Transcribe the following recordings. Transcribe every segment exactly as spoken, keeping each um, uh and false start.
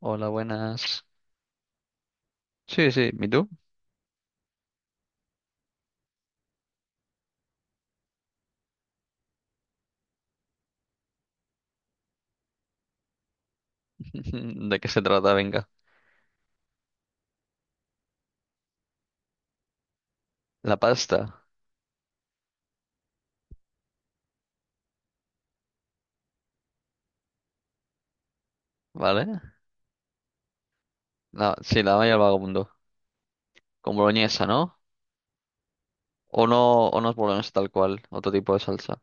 Hola, buenas. Sí, sí, ¿y tú? ¿De qué se trata? Venga. La pasta, ¿vale? La, sí, la valla al vagabundo. Con boloñesa, ¿no? O no, o no es boloñesa tal cual, otro tipo de salsa.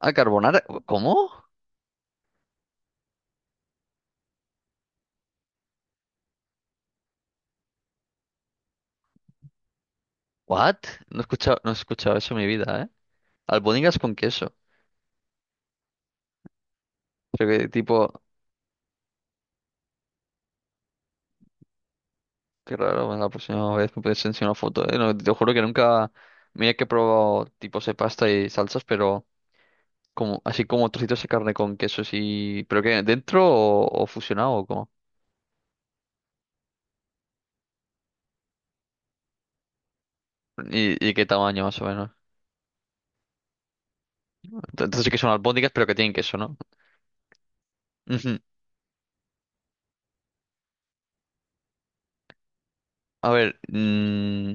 Ah, carbonara. ¿Cómo? ¿What? No he escuchado, no he escuchado eso en mi vida, ¿eh? Albóndigas con queso. Pero que tipo, qué raro, bueno, la próxima vez me puedes enseñar una foto, ¿eh? No, te juro que nunca. Mira que he probado tipos de pasta y salsas, pero. Como, así como trocitos de carne con queso y ¿pero qué? ¿Dentro o, o fusionado o cómo? ¿Y, y qué tamaño más o menos? Ent- Entonces sí que son albóndigas pero que tienen queso, ¿no? Ujú. A ver, mm,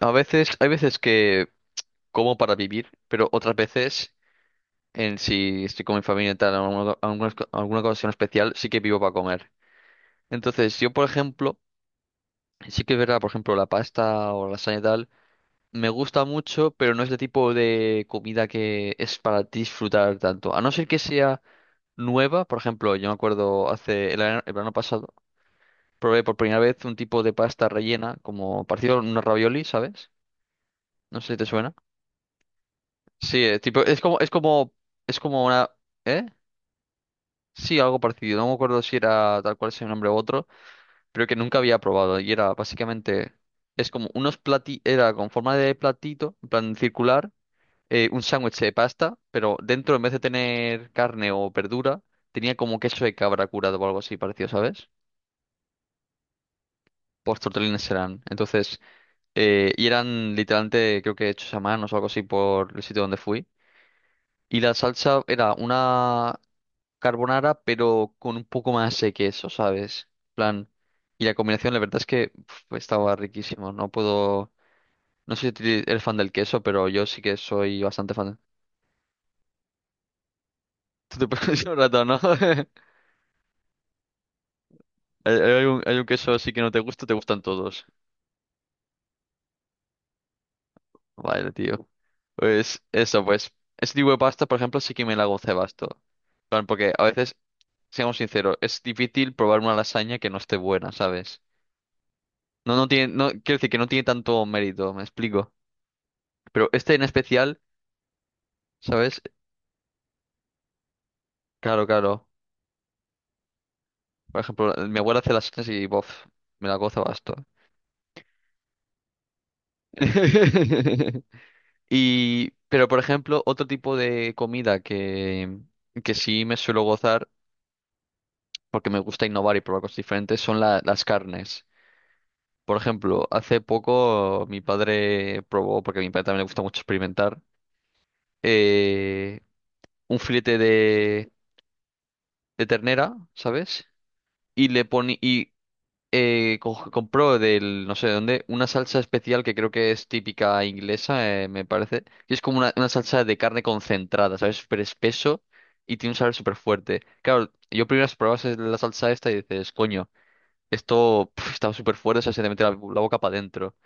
a veces, hay veces que como para vivir, pero otras veces, en si estoy con mi familia y tal, alguna, alguna, alguna ocasión especial, sí que vivo para comer. Entonces yo, por ejemplo, sí que es verdad, por ejemplo, la pasta o la lasaña y tal, me gusta mucho, pero no es el tipo de comida que es para disfrutar tanto, a no ser que sea nueva. Por ejemplo, yo me acuerdo hace el, verano el verano pasado, probé por primera vez un tipo de pasta rellena, como parecido a unos ravioli, ¿sabes? No sé si te suena. Sí, es tipo, es como, es como, es como una, ¿eh? Sí, algo parecido. No me acuerdo si era tal cual ese nombre u otro, pero que nunca había probado. Y era básicamente, es como unos plati, era con forma de platito, en plan circular, eh, un sándwich de pasta, pero dentro, en vez de tener carne o verdura, tenía como queso de cabra curado o algo así parecido, ¿sabes? Tortellines serán. Entonces, eh, y eran literalmente, creo que hechos a mano o algo así por el sitio donde fui. Y la salsa era una carbonara, pero con un poco más de queso, ¿sabes? Plan. Y la combinación, la verdad es que pf, estaba riquísimo. No puedo. No sé si ti- eres fan del queso, pero yo sí que soy bastante fan. Tú te puedes un rato, ¿no? Hay hay un, hay un queso así que no te gusta, te gustan todos. Vale, tío. Pues eso, pues. Ese tipo de pasta, por ejemplo, sí que me la hago un cebasto. Plan, porque a veces, seamos sinceros, es difícil probar una lasaña que no esté buena, ¿sabes? No, no tiene, no, quiero decir que no tiene tanto mérito, me explico. Pero este en especial, ¿sabes? Claro, claro. Por ejemplo, mi abuela hace lasañas y, bof, me la gozo basto. Y, pero por ejemplo, otro tipo de comida que, que sí me suelo gozar, porque me gusta innovar y probar cosas diferentes, son la- las carnes. Por ejemplo, hace poco mi padre probó, porque a mi padre también le gusta mucho experimentar, eh, un filete de, de ternera, ¿sabes? Y le pone y eh, co- compró del no sé de dónde una salsa especial que creo que es típica inglesa, eh, me parece. Y es como una, una salsa de carne concentrada, ¿sabes? Súper espeso y tiene un sabor súper fuerte. Claro, yo primero probas la salsa esta y dices, coño, esto pf, está súper fuerte, o sea, se te mete la la boca para adentro.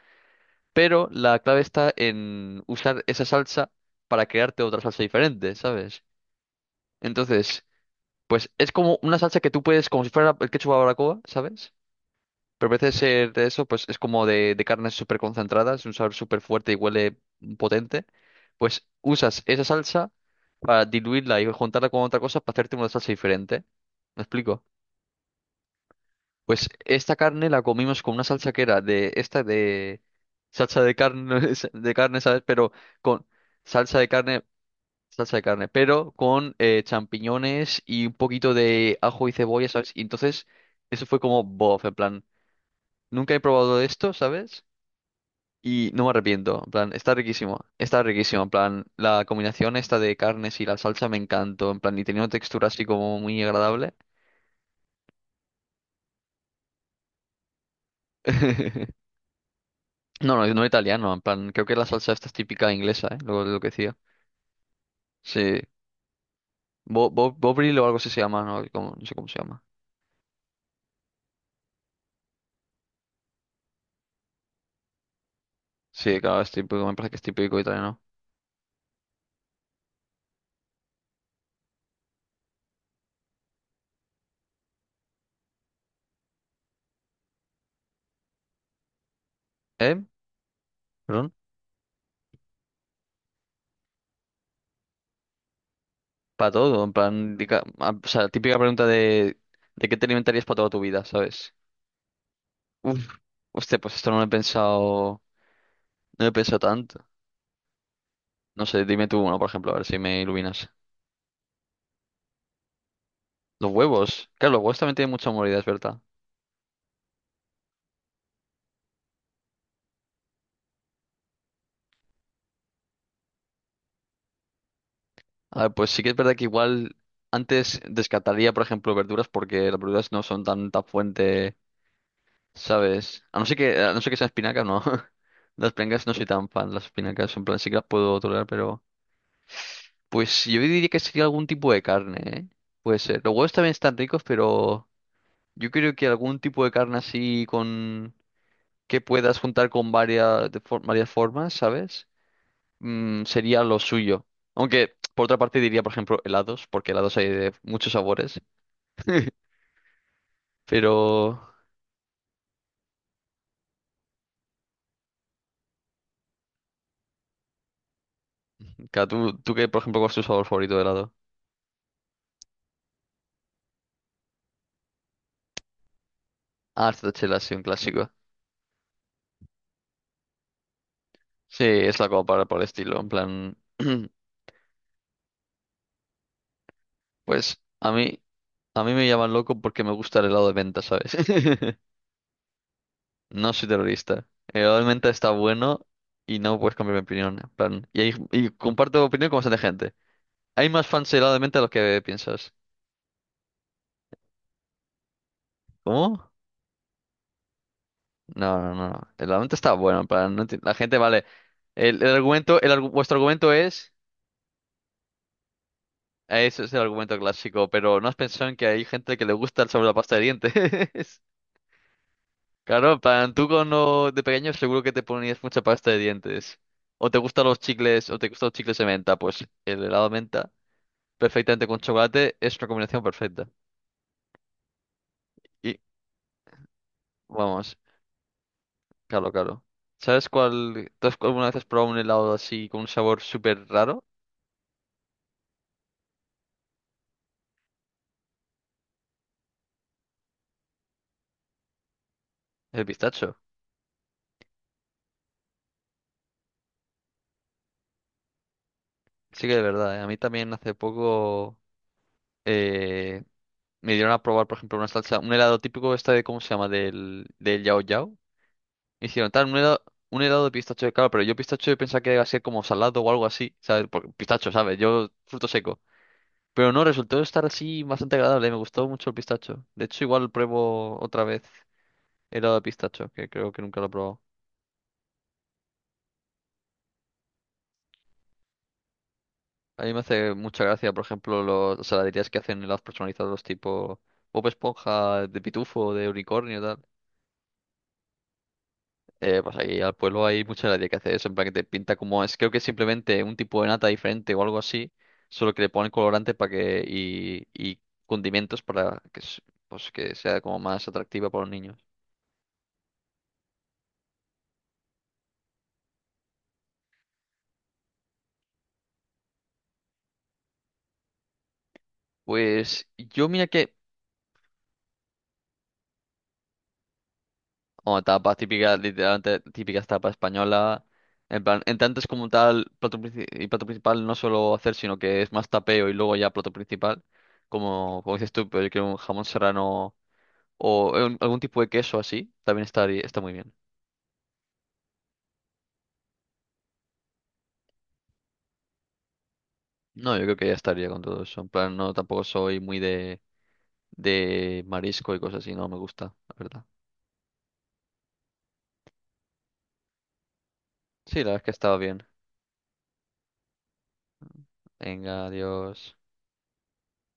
Pero la clave está en usar esa salsa para crearte otra salsa diferente, ¿sabes? Entonces, pues es como una salsa que tú puedes, como si fuera el ketchup a la barbacoa, ¿sabes? Pero en vez de ser de eso, pues es como de, de carne súper concentrada, es un sabor súper fuerte y huele potente. Pues usas esa salsa para diluirla y juntarla con otra cosa para hacerte una salsa diferente. ¿Me explico? Pues esta carne la comimos con una salsa que era de esta de salsa de carne de carne, ¿sabes? Pero con salsa de carne, salsa de carne, pero con eh, champiñones y un poquito de ajo y cebolla, ¿sabes? Y entonces eso fue como bof, en plan, nunca he probado esto, ¿sabes? Y no me arrepiento, en plan, está riquísimo, está riquísimo, en plan, la combinación esta de carnes y la salsa me encantó, en plan, y tenía una textura así como muy agradable. No, no, no italiano, en plan, creo que la salsa esta es típica inglesa, ¿eh? Lo, lo que decía. Sí. Bo, Bo- Bovril o algo así se llama, no, Como- no sé cómo se llama. Sí, claro, es típico, me parece que es típico italiano. ¿Eh? ¿Perdón? Para todo, en plan, dica- ah, o sea, típica pregunta de, de qué te alimentarías para toda tu vida, ¿sabes? Uf, hostia, pues esto no lo he pensado, no lo he pensado tanto. No sé, dime tú uno, por ejemplo, a ver si me iluminas. Los huevos, claro, los huevos también tienen mucha moralidad, es verdad. A ver, pues sí que es verdad que igual antes descartaría, por ejemplo, verduras porque las verduras no son tan, tan fuente, ¿sabes? A no ser que, a no ser que sean espinacas, no. Las espinacas no soy tan fan, las espinacas en plan sí que las puedo tolerar, pero pues yo diría que sería algún tipo de carne, ¿eh? Puede ser. Los huevos también están ricos, pero yo creo que algún tipo de carne así con que puedas juntar con varias de for- varias formas, ¿sabes? Mm, sería lo suyo. Aunque por otra parte diría, por ejemplo, helados, porque helados hay de muchos sabores. Pero, claro, ¿tú, tú qué, por ejemplo, cuál es tu sabor favorito de helado? Ah, esta chela es un clásico. Sí, es la copa para por el estilo, en plan, pues a mí, a mí me llaman loco porque me gusta el helado de menta, ¿sabes? No soy terrorista. El helado de menta está bueno y no puedes cambiar mi opinión, en plan, y, hay- y comparto opinión con bastante gente. Hay más fans del helado de menta de lo que piensas. ¿Cómo? No, no, no, no. El helado de menta está bueno, en plan, no enti- la gente, vale. El, el argumento, el, argu- vuestro argumento es eso, es el argumento clásico, pero ¿no has pensado en que hay gente que le gusta el sabor de la pasta de dientes? Claro, en plan, tú cuando de pequeño seguro que te ponías mucha pasta de dientes. O te gustan los chicles, o te gustan los chicles de menta, pues el helado de menta, perfectamente con chocolate, es una combinación perfecta. Y vamos, claro, claro. ¿Sabes cuál? ¿Tú has- alguna vez has probado un helado así con un sabor súper raro? El pistacho. Sí que de verdad, ¿eh? A mí también hace poco eh, me dieron a probar, por ejemplo, una salsa, un helado típico este de, ¿cómo se llama? Del, del Yao Yao. Me hicieron tal, un helado, un helado de pistacho, claro, pero yo pistacho yo pensaba que iba a ser como salado o algo así, ¿sabes? Porque pistacho, ¿sabes? Yo fruto seco. Pero no, resultó estar así bastante agradable, me gustó mucho el pistacho. De hecho, igual pruebo otra vez helado de pistacho, que creo que nunca lo he probado. A mí me hace mucha gracia, por ejemplo, los, las heladerías que hacen helados personalizados tipo Bob Esponja, de Pitufo, de Unicornio, tal. Eh, pues aquí al pueblo hay mucha gracia que hace eso, en plan que te pinta como es, creo que es simplemente un tipo de nata diferente o algo así, solo que le ponen colorante para que y, y condimentos para que, s- pues, que sea como más atractiva para los niños. Pues yo mira que, oh, tapas típicas, literalmente típicas tapas española, en plan, en tanto es como tal, plato, princi- y plato principal no solo hacer, sino que es más tapeo y luego ya plato principal, como, como dices tú, pero yo quiero un jamón serrano o eh, un- algún tipo de queso así, también está está muy bien. No, yo creo que ya estaría con todo eso. En plan, no, tampoco soy muy de, de marisco y cosas así, no me gusta, la verdad. Sí, la verdad es que estaba bien. Venga, adiós.